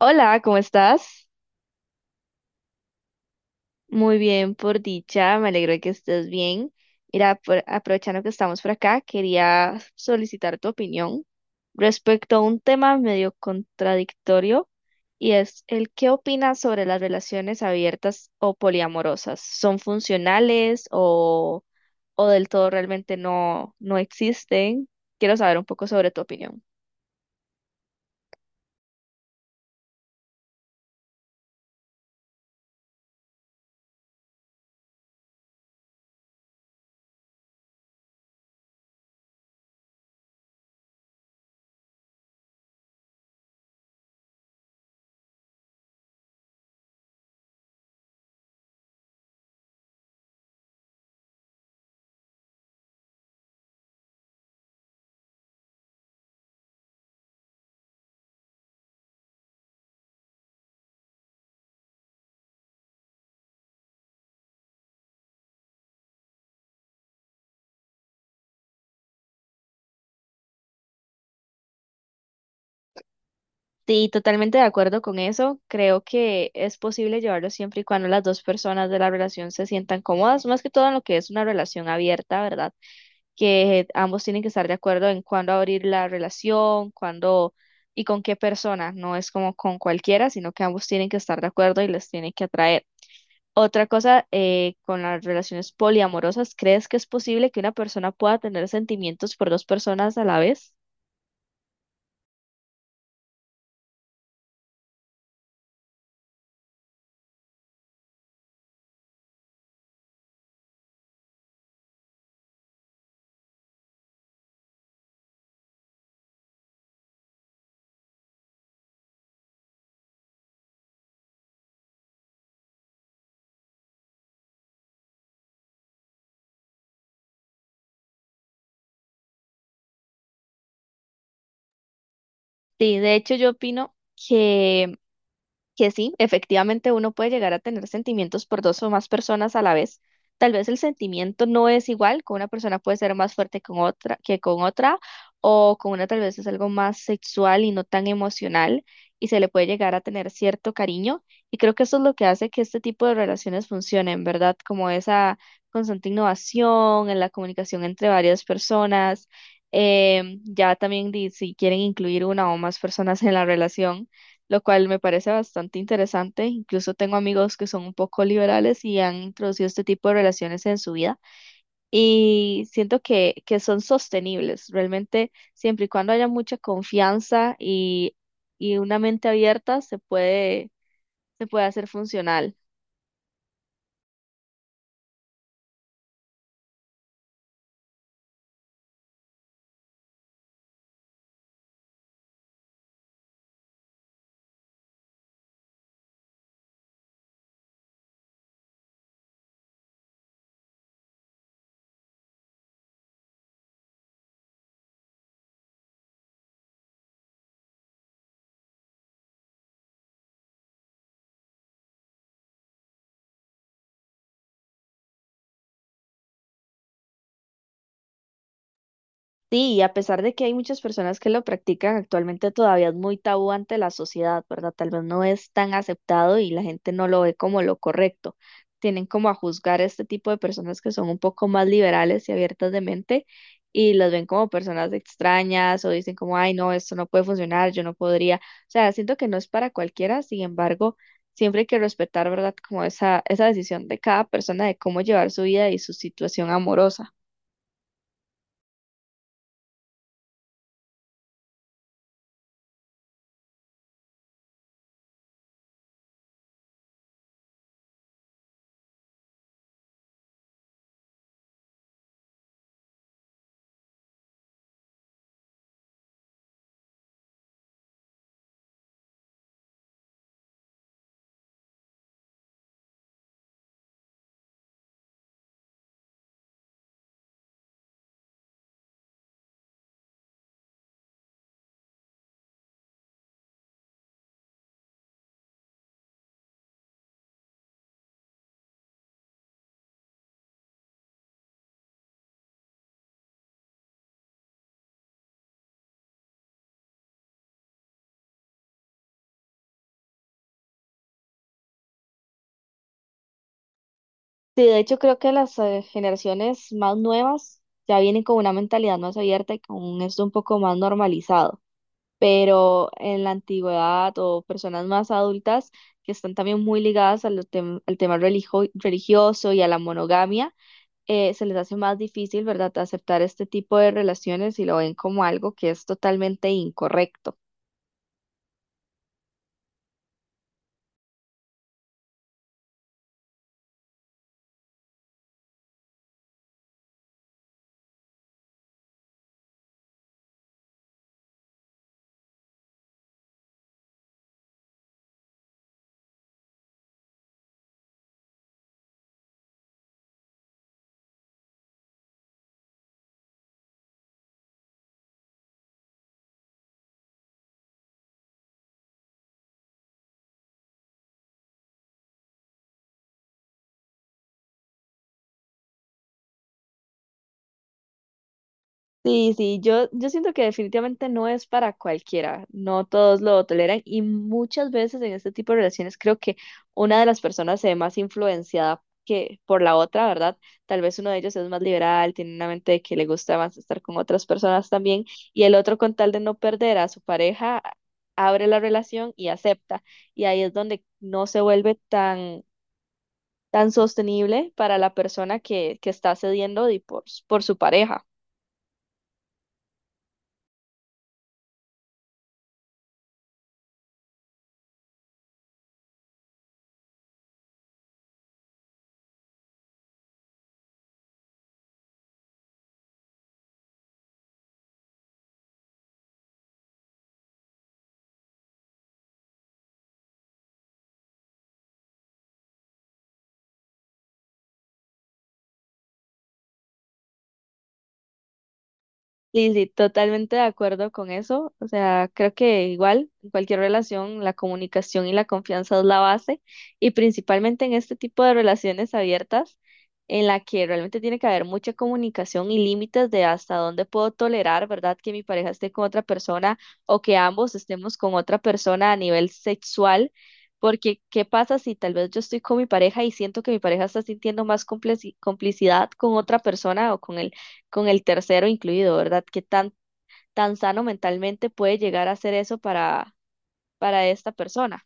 Hola, ¿cómo estás? Muy bien, por dicha, me alegro de que estés bien. Mira, aprovechando que estamos por acá, quería solicitar tu opinión respecto a un tema medio contradictorio y es el qué opinas sobre las relaciones abiertas o poliamorosas. ¿Son funcionales o del todo realmente no existen? Quiero saber un poco sobre tu opinión. Sí, totalmente de acuerdo con eso. Creo que es posible llevarlo siempre y cuando las dos personas de la relación se sientan cómodas, más que todo en lo que es una relación abierta, ¿verdad? Que ambos tienen que estar de acuerdo en cuándo abrir la relación, cuándo y con qué persona. No es como con cualquiera, sino que ambos tienen que estar de acuerdo y les tiene que atraer. Otra cosa, con las relaciones poliamorosas, ¿crees que es posible que una persona pueda tener sentimientos por dos personas a la vez? Sí, de hecho yo opino que que sí, efectivamente uno puede llegar a tener sentimientos por dos o más personas a la vez. Tal vez el sentimiento no es igual, con una persona puede ser más fuerte con otra, que con otra, o con una tal vez es algo más sexual y no tan emocional, y se le puede llegar a tener cierto cariño. Y creo que eso es lo que hace que este tipo de relaciones funcionen, ¿verdad? Como esa constante innovación en la comunicación entre varias personas. Si quieren incluir una o más personas en la relación, lo cual me parece bastante interesante. Incluso tengo amigos que son un poco liberales y han introducido este tipo de relaciones en su vida y siento que son sostenibles, realmente siempre y cuando haya mucha confianza y una mente abierta se puede hacer funcional. Sí, y a pesar de que hay muchas personas que lo practican, actualmente todavía es muy tabú ante la sociedad, ¿verdad? Tal vez no es tan aceptado y la gente no lo ve como lo correcto. Tienen como a juzgar a este tipo de personas que son un poco más liberales y abiertas de mente y las ven como personas extrañas o dicen como, ay, no, esto no puede funcionar, yo no podría. O sea, siento que no es para cualquiera, sin embargo, siempre hay que respetar, ¿verdad? Como esa decisión de cada persona de cómo llevar su vida y su situación amorosa. Sí, de hecho creo que las generaciones más nuevas ya vienen con una mentalidad más abierta y con esto un poco más normalizado, pero en la antigüedad o personas más adultas que están también muy ligadas a al tema religioso y a la monogamia, se les hace más difícil, ¿verdad?, aceptar este tipo de relaciones y lo ven como algo que es totalmente incorrecto. Sí, sí, yo siento que definitivamente no es para cualquiera, no todos lo toleran y muchas veces en este tipo de relaciones creo que una de las personas se ve más influenciada que por la otra, ¿verdad? Tal vez uno de ellos es más liberal, tiene una mente de que le gusta más estar con otras personas también y el otro con tal de no perder a su pareja abre la relación y acepta y ahí es donde no se vuelve tan, tan sostenible para la persona que está cediendo y por su pareja. Lili, totalmente de acuerdo con eso. O sea, creo que igual en cualquier relación la comunicación y la confianza es la base y principalmente en este tipo de relaciones abiertas en la que realmente tiene que haber mucha comunicación y límites de hasta dónde puedo tolerar, ¿verdad? Que mi pareja esté con otra persona o que ambos estemos con otra persona a nivel sexual. Porque, ¿qué pasa si tal vez yo estoy con mi pareja y siento que mi pareja está sintiendo más complicidad con otra persona o con el tercero incluido, ¿verdad? ¿Qué tan, tan sano mentalmente puede llegar a ser eso para esta persona?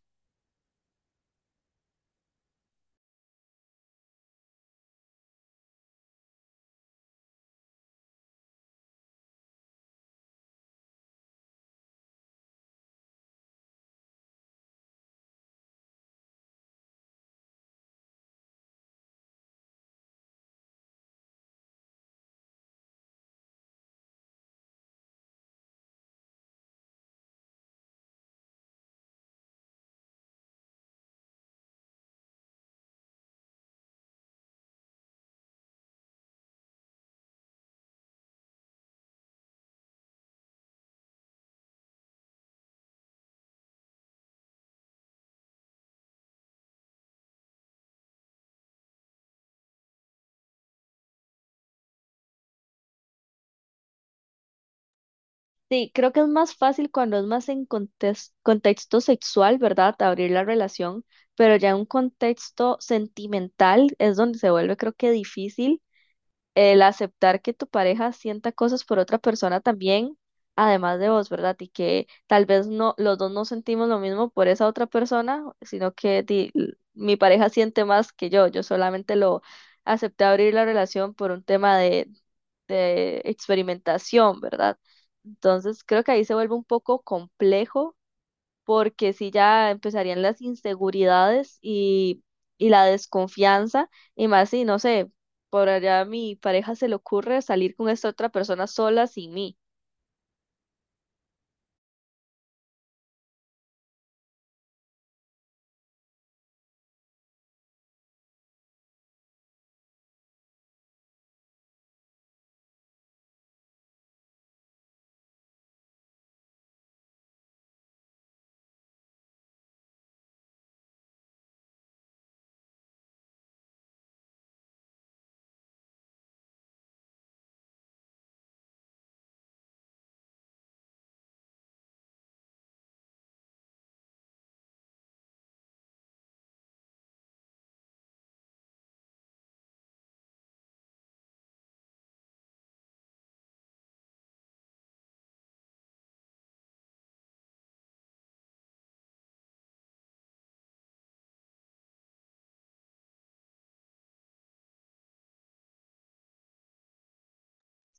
Sí, creo que es más fácil cuando es más en contexto sexual, ¿verdad? Abrir la relación, pero ya en un contexto sentimental es donde se vuelve, creo que, difícil el aceptar que tu pareja sienta cosas por otra persona también, además de vos, ¿verdad? Y que tal vez no, los dos no sentimos lo mismo por esa otra persona, sino que mi pareja siente más que yo. Yo solamente lo acepté abrir la relación por un tema de experimentación, ¿verdad? Entonces creo que ahí se vuelve un poco complejo porque si ya empezarían las inseguridades y la desconfianza, y más si, no sé, por allá a mi pareja se le ocurre salir con esta otra persona sola sin mí.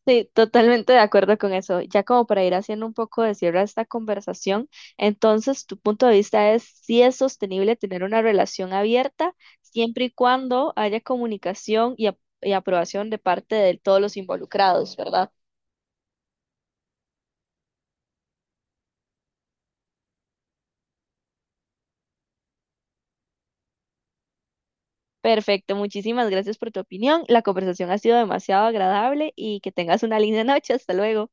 Sí, totalmente de acuerdo con eso. Ya como para ir haciendo un poco de cierre a esta conversación, entonces tu punto de vista es si es sostenible tener una relación abierta siempre y cuando haya comunicación y aprobación de parte de todos los involucrados, ¿verdad? Perfecto, muchísimas gracias por tu opinión. La conversación ha sido demasiado agradable y que tengas una linda noche. Hasta luego.